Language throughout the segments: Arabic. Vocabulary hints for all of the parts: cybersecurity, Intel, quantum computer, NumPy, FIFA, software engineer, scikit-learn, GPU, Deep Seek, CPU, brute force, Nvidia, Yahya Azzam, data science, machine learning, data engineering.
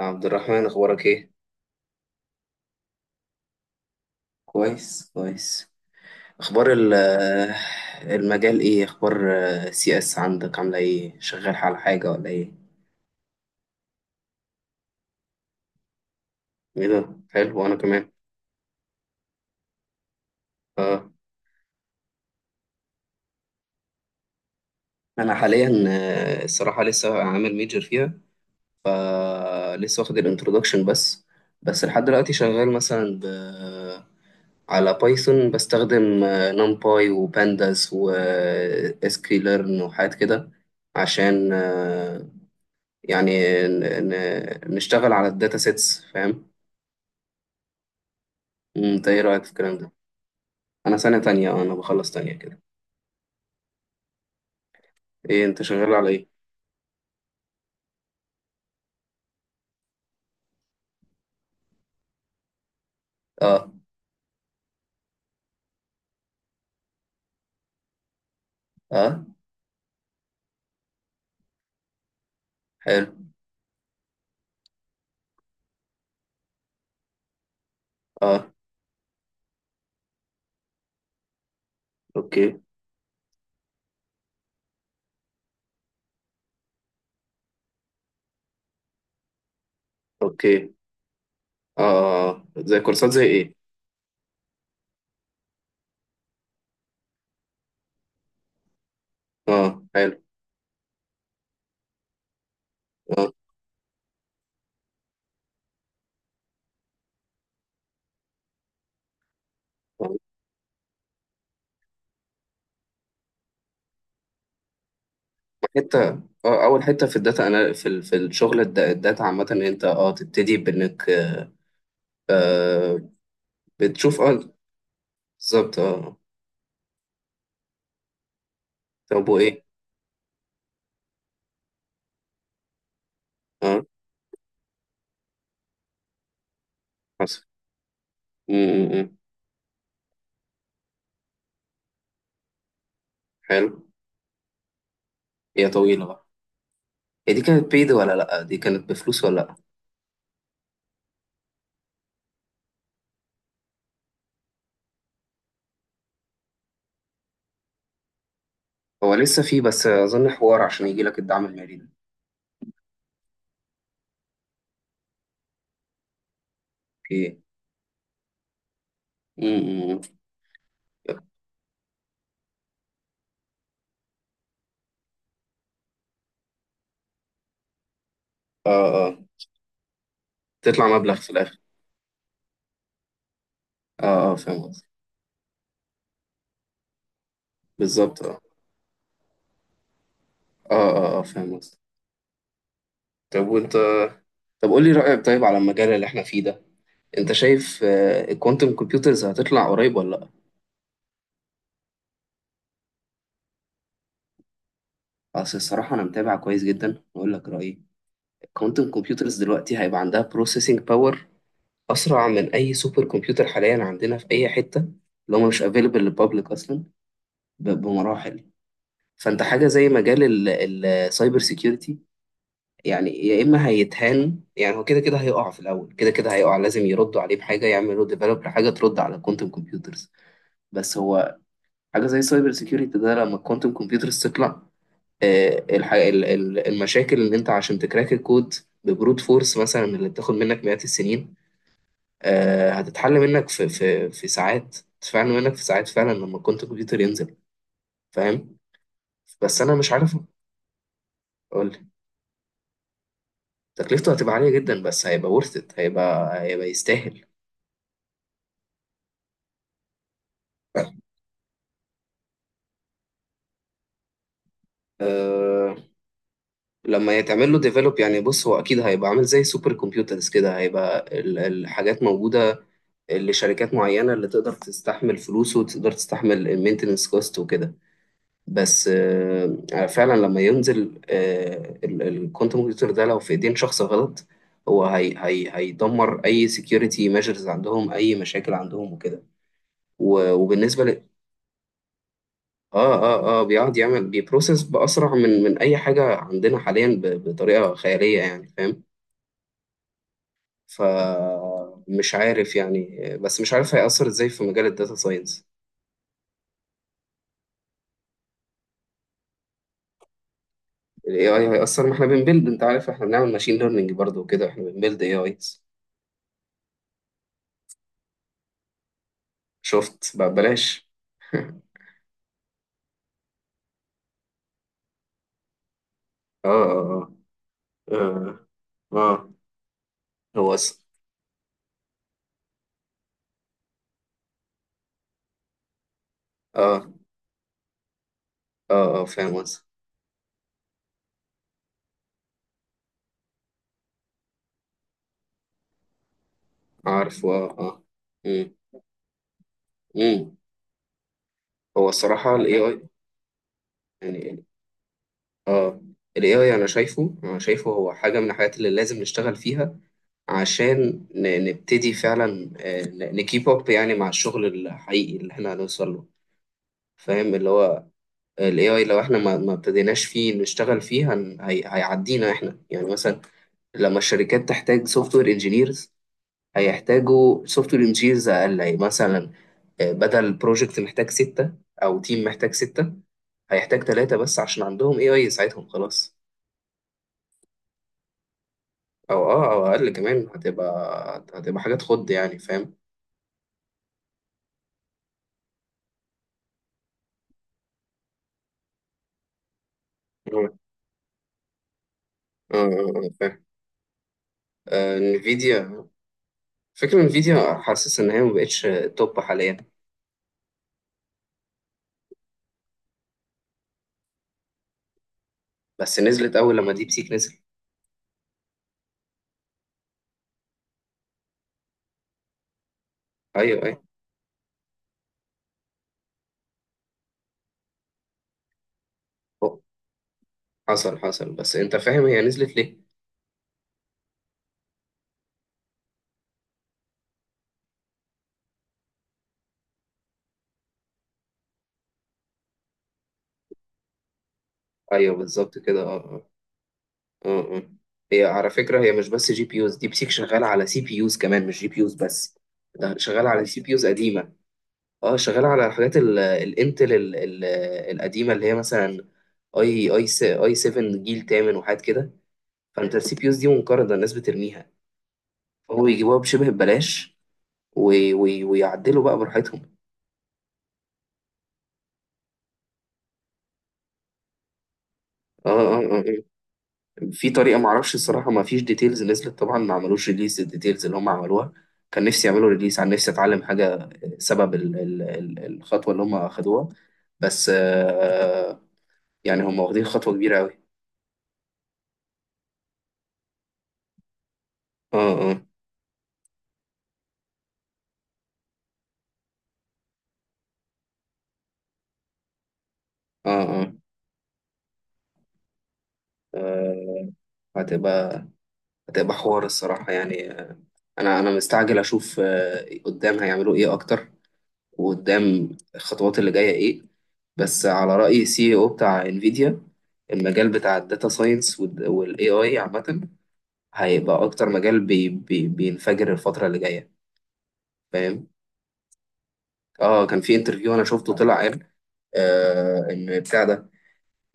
يا عبد الرحمن، اخبارك ايه؟ كويس كويس. اخبار ال- المجال ايه؟ اخبار سي اس عندك، عامله ايه؟ شغال على حاجه ولا ايه؟ ايه ده، حلو. وانا كمان اه. انا حاليا الصراحه لسه عامل ميجر فيها. فلسه واخد الانترودكشن بس. بس لحد دلوقتي شغال مثلا على بايثون، بستخدم نمباي وبانداس واسكيلرن وحاجات كده. عشان يعني نشتغل على الداتا سيتس، فاهم؟ انت ايه رأيك في الكلام ده؟ انا سنة تانية اه، انا بخلص تانية كده. ايه، انت شغال على ايه؟ اه اه، حلو اه. اوكي اوكي اه. زي كورسات زي ايه؟ اه حلو اه آه. حتة اه، اول حتة في الداتا انا، في في الشغل الداتا عامة، ان انت اه تبتدي بانك آه بتشوف اه، بالظبط اه. طب وايه؟ اه حصل. امم، حلو. هي طويلة بقى. هي دي كانت بيد ولا لأ؟ دي كانت بفلوس ولا لأ؟ هو لسه في بس أظن حوار عشان يجي لك الدعم المالي ده. أوكي. م- م- اه اه. تطلع مبلغ في الآخر. اه اه فاهم قصدي. بالظبط اه اه اه فاهم قصدي. طب وأنت؟ طب قول لي رأيك طيب على المجال اللي احنا فيه ده. انت شايف الكوانتم كمبيوترز هتطلع قريب ولا لا؟ اصل الصراحه انا متابع كويس جدا، واقول لك رايي. الكوانتم كمبيوترز دلوقتي هيبقى عندها بروسيسنج باور اسرع من اي سوبر كمبيوتر حاليا عندنا في اي حته، اللي هم مش افيلبل للبابليك اصلا، بمراحل. فانت حاجه زي مجال السايبر سيكيورتي، يعني يا اما هيتهان، يعني هو كده كده هيقع في الاول، كده كده هيقع، لازم يردوا عليه بحاجه، يعملوا ديفلوب لحاجه ترد على الكوانتم كمبيوترز. بس هو، حاجه زي السايبر سيكيورتي ده، لما الكوانتم كمبيوترز تطلع، المشاكل اللي انت عشان تكراك الكود ببروت فورس مثلا، اللي بتاخد منك مئات السنين، هتتحل منك في ساعات، تتفعل منك في ساعات فعلا لما الكوانتم كمبيوتر ينزل، فاهم؟ بس انا مش عارف. تكلفته هتبقى عالية جدا، بس هيبقى worth it، هيبقى يستاهل. أه لما يتعمل له ديفلوب يعني، بص، هو أكيد هيبقى عامل زي سوبر كمبيوترز كده، هيبقى الحاجات موجودة لشركات معينة اللي تقدر تستحمل فلوسه وتقدر تستحمل المينتنس كوست وكده. بس فعلا لما ينزل أه الكوانتم كمبيوتر ده، لو في ايدين شخص غلط، هو هي هي هيدمر اي سكيورتي ميجرز عندهم، اي مشاكل عندهم وكده. وبالنسبة، اه اه اه، بيقعد يعمل، بيبروسس بأسرع من أي حاجة عندنا حاليا بطريقة خيالية يعني، فاهم؟ فمش عارف يعني. بس مش عارف هيأثر ازاي في مجال الداتا ساينس. ال AI هيأثر، ما احنا بنبيلد، انت عارف احنا بنعمل ماشين ليرنينج برضه وكده، احنا بنبيلد AIs. شفت بقى بلاش. اه اه اه اه هو اه اه اه فاهم قصدي. عارف اه اه. مم، مم. هو الصراحة ال AI يعني اه، ال AI أنا شايفه، هو حاجة من الحاجات اللي لازم نشتغل فيها، عشان نبتدي فعلا نكيب أب يعني مع الشغل الحقيقي اللي احنا هنوصل له، فاهم؟ اللي هو ال AI لو احنا ما ابتديناش فيه نشتغل فيه، هيعدينا احنا، يعني مثلا لما الشركات تحتاج سوفت وير انجينيرز، هيحتاجوا سوفت وير انجينيرز أقل، يعني مثلا بدل بروجكت محتاج ستة، أو تيم محتاج ستة، هيحتاج ثلاثة بس عشان عندهم AI يساعدهم، خلاص. او اقل كمان، هتبقى حاجات خض يعني، فاهم؟ اه اه فاهم. انفيديا. فكرة انفيديا، حاسس ان هي ما بقتش توب حاليا. بس نزلت اول لما ديب سيك نزل. ايوه ايوه. أوه، حصل حصل. بس انت فاهم هي نزلت ليه؟ ايوه بالظبط كده اه اه اه آه. هي على فكرة، هي مش بس جي بي يوز، ديب سيك شغالة على سي بي يوز كمان، مش جي بي يوز بس. ده شغالة على سي بي يوز قديمة. اه شغال على حاجات الانتل القديمه اللي هي مثلا اي 7 جيل تامن وحاجات كده. فانت السي بي يوز دي منقرضه، الناس بترميها. فهو يجيبوها بشبه ببلاش، ويعدلوا بقى براحتهم. اه اه اه آه. في طريقه معرفش الصراحه، ما فيش ديتيلز نزلت طبعا، ما عملوش ريليس الديتيلز اللي هم عملوها. كان نفسي يعملوا ريليس، عن نفسي اتعلم حاجه، سبب الخطوه اللي هم اخدوها. بس يعني هم واخدين خطوه كبيره قوي. اه اه اه اه آه، هتبقى حوار الصراحة يعني. أنا مستعجل أشوف قدام هيعملوا إيه أكتر، وقدام الخطوات اللي جاية إيه. بس على رأي سي او بتاع انفيديا، المجال بتاع الداتا ساينس والاي اي عامة هيبقى أكتر مجال بي بي بينفجر الفترة اللي جاية، فاهم؟ آه كان في انترفيو أنا شفته، طلع قال آه إن بتاع ده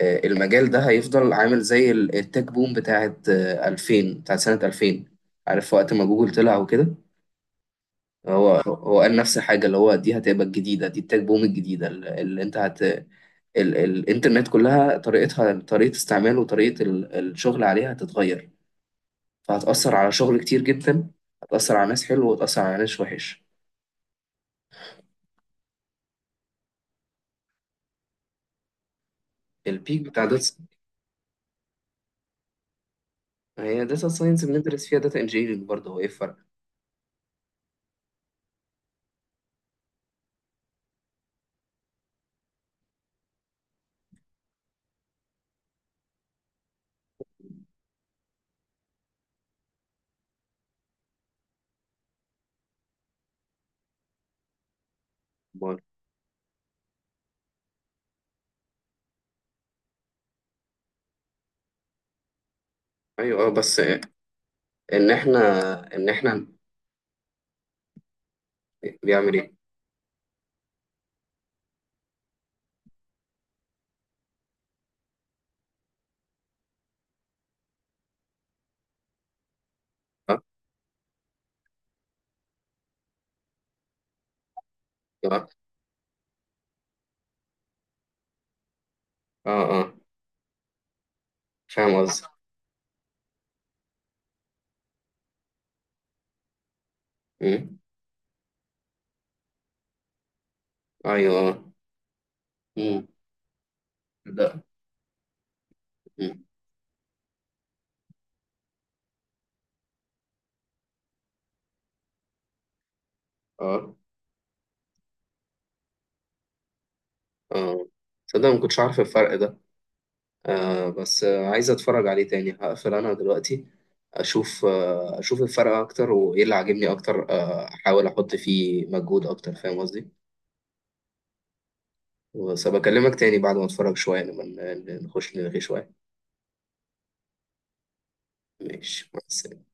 المجال ده هيفضل عامل زي التك بوم بتاعت 2000، بتاعت سنة 2000، عارف وقت ما جوجل طلع وكده. هو قال نفس الحاجة، اللي هو دي هتبقى الجديدة، دي التك بوم الجديدة، ال- اللي انت هت ال... الانترنت كلها طريقتها، طريقة استعمال وطريقة الشغل عليها هتتغير، فهتأثر على شغل كتير جدا، هتأثر على ناس حلو وهتأثر على ناس وحش. البيك بتاع داتا. هي داتا ساينس بندرس فيها داتا انجينيرنج برضه، هو ايه الفرق؟ أمال. ايوه اه بس. ان احنا. ان احنا. بيعمل ايه؟ اه اه اه آه. فاهم قصدي. مم. ايوه آه. مم. ده. مم. اه اه. صدق ما كنتش عارف الفرق ده. آه بس عايز اتفرج عليه تاني، هقفل انا دلوقتي، اشوف اشوف الفرق اكتر وايه اللي عاجبني اكتر، احاول احط فيه مجهود اكتر، فاهم قصدي؟ بس بكلمك تاني بعد ما اتفرج شويه، لما نخش نلغي شويه. ماشي مع السلامه.